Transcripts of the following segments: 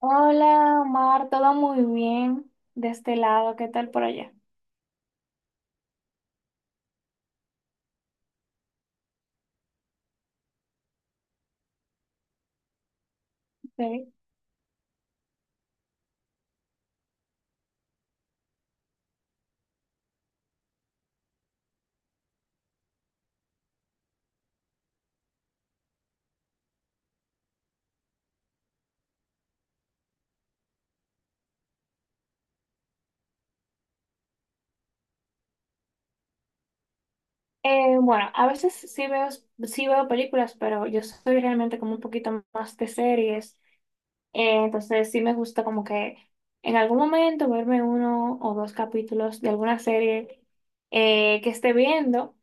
Hola, Omar, todo muy bien de este lado, ¿qué tal por allá? Sí. Bueno, a veces sí veo películas, pero yo soy realmente como un poquito más de series. Entonces sí me gusta como que en algún momento verme uno o dos capítulos de alguna serie que esté viendo,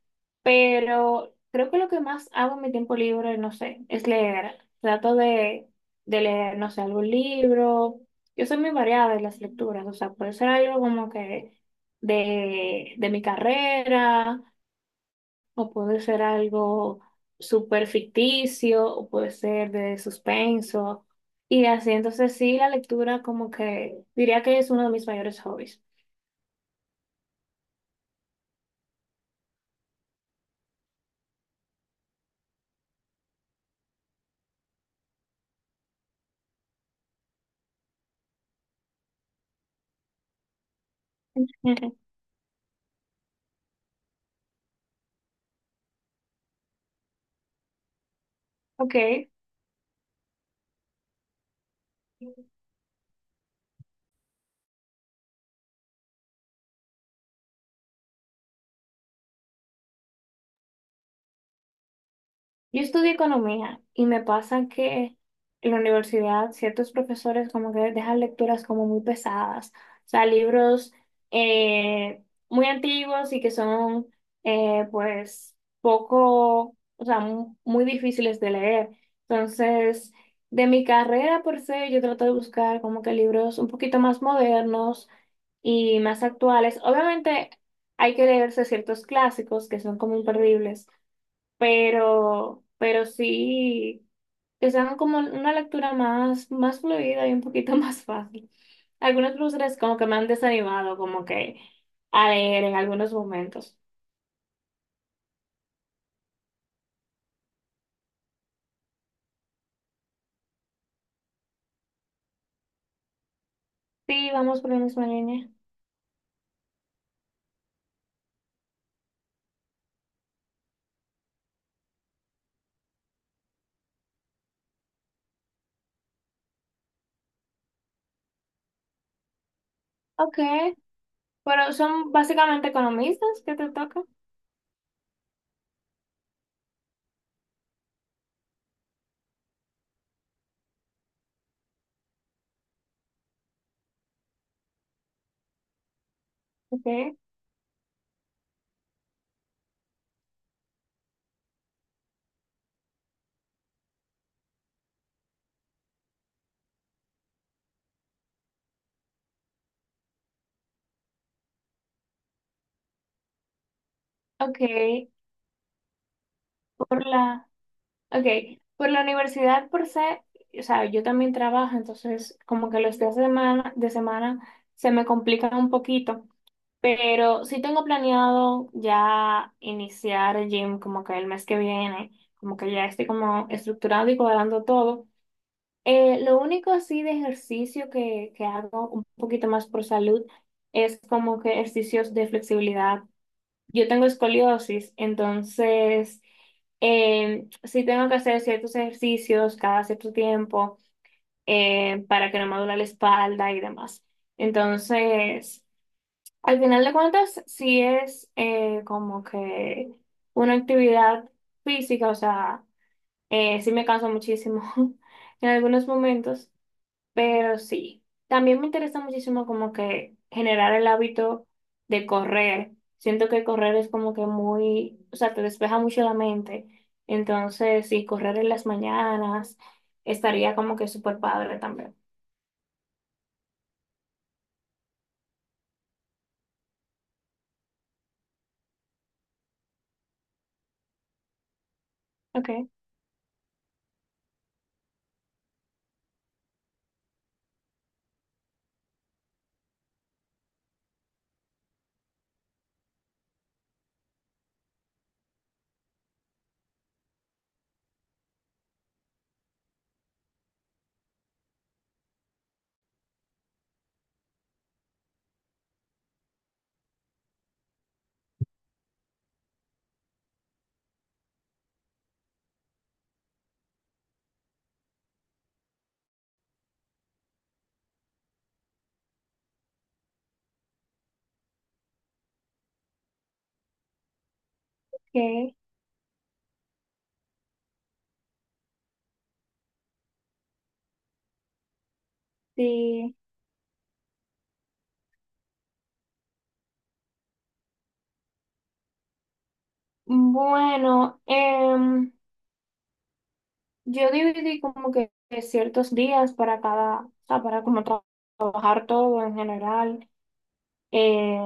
pero creo que lo que más hago en mi tiempo libre, no sé, es leer. Trato de leer, no sé, algún libro. Yo soy muy variada en las lecturas, o sea, puede ser algo como que de mi carrera o puede ser algo súper ficticio, o puede ser de suspenso. Y así, entonces sí, la lectura como que diría que es uno de mis mayores hobbies. Ujú. Ok. Yo estudié economía y me pasa que en la universidad ciertos profesores como que dejan lecturas como muy pesadas, o sea, libros eh, muy antiguos y que son pues poco, o sea, muy difíciles de leer. Entonces, de mi carrera por se, yo trato de buscar como que libros un poquito más modernos y más actuales. Obviamente hay que leerse ciertos clásicos que son como imperdibles, pero sí, que sean como una lectura más, más fluida y un poquito más fácil. Algunos ilustres como que me han desanimado, como que a leer en algunos momentos. Sí, vamos por la misma línea. Ok, pero son básicamente economistas que te tocan. Okay. Okay. Por okay, por la universidad por se, o sea, yo también trabajo, entonces como que los días de semana se me complican un poquito. Pero sí tengo planeado ya iniciar el gym como que el mes que viene, como que ya estoy como estructurando y cuadrando todo. Lo único así de ejercicio que hago un poquito más por salud es como que ejercicios de flexibilidad. Yo tengo escoliosis, entonces sí tengo que hacer ciertos ejercicios cada cierto tiempo para que no me duela la espalda y demás. Entonces, al final de cuentas, sí es como que una actividad física, o sea, sí me canso muchísimo en algunos momentos, pero sí. También me interesa muchísimo como que generar el hábito de correr. Siento que correr es como que muy, o sea, te despeja mucho la mente. Entonces, sí, correr en las mañanas estaría como que súper padre también. Okay, okay, sí. Bueno, yo dividí como que ciertos días para cada, o sea, para como trabajar todo en general. Eh,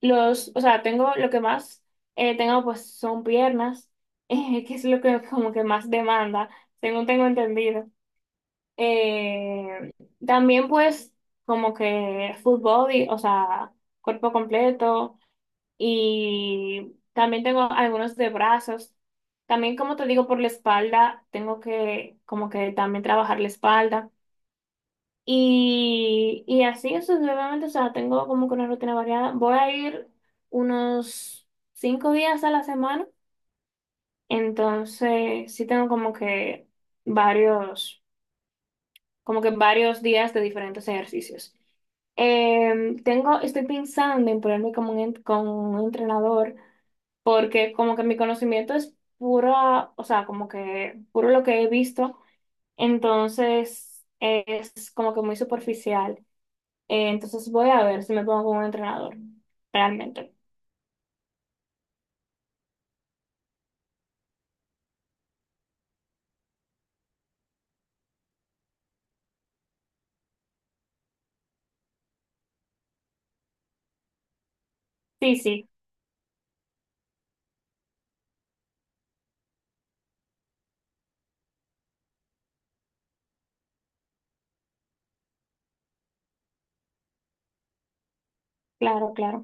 los, o sea, tengo lo que más tengo pues son piernas, que es lo que como que más demanda, según tengo entendido. Eh, También pues como que full body, o sea, cuerpo completo, y también tengo algunos de brazos. También, como te digo, por la espalda, tengo que como que también trabajar la espalda. Y así sucesivamente, o sea, tengo como que una rutina variada. Voy a ir unos 5 días a la semana, entonces sí tengo varios, como que varios días de diferentes ejercicios. Tengo, estoy pensando en ponerme como un, con un entrenador porque como que mi conocimiento es pura, o sea, como que puro lo que he visto, entonces es como que muy superficial. Entonces voy a ver si me pongo con un entrenador, realmente. Sí, claro, claro.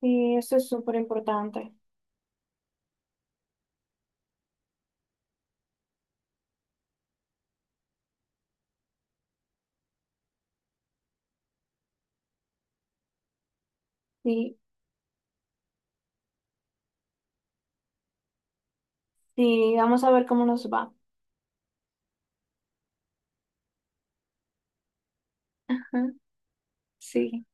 Y eso es súper importante. Sí, sí, vamos a ver cómo nos va. Ajá. Sí,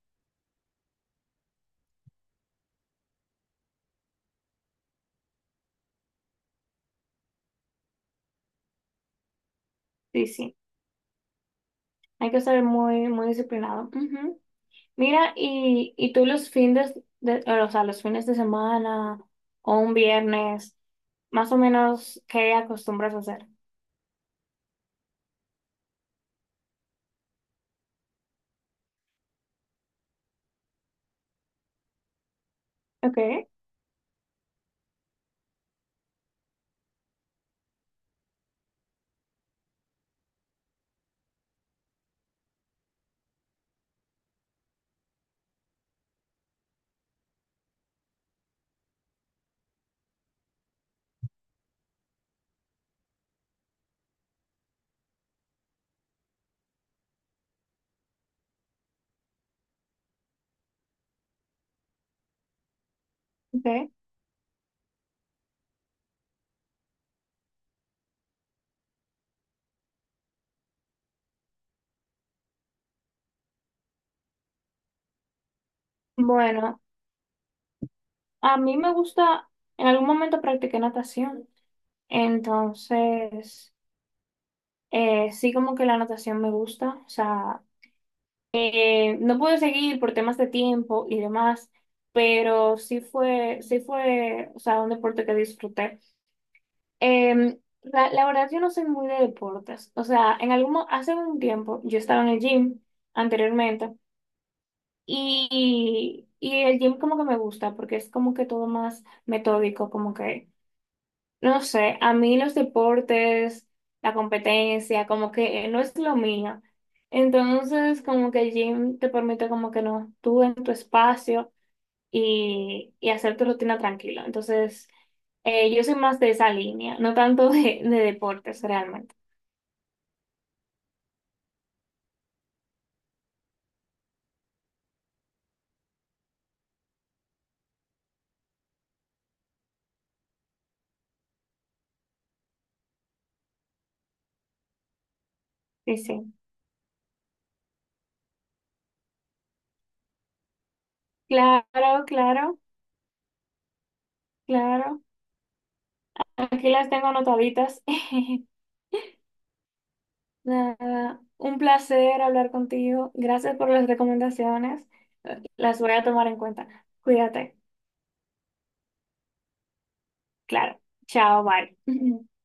sí, sí. Hay que ser muy, muy disciplinado. Ujú. Mira, y tú los fines de, o sea, los fines de semana o un viernes, más o menos, ¿qué acostumbras a hacer? Okay, okay. Bueno, a mí me gusta, en algún momento practiqué natación, entonces sí como que la natación me gusta, o sea, no pude seguir por temas de tiempo y demás, pero sí fue, o sea, un deporte que disfruté. La verdad, yo no soy muy de deportes. O sea, en algún, hace un tiempo yo estaba en el gym anteriormente y el gym como que me gusta porque es como que todo más metódico, como que, no sé, a mí los deportes, la competencia, como que no es lo mío. Entonces, como que el gym te permite como que no, tú en tu espacio y hacer tu rutina tranquilo. Entonces, yo soy más de esa línea, no tanto de deportes realmente. Sí, sí. Claro, claro, claro. Aquí las tengo anotaditas. Nada, un placer hablar contigo. Gracias por las recomendaciones. Las voy a tomar en cuenta. Cuídate. Claro. Chao, bye.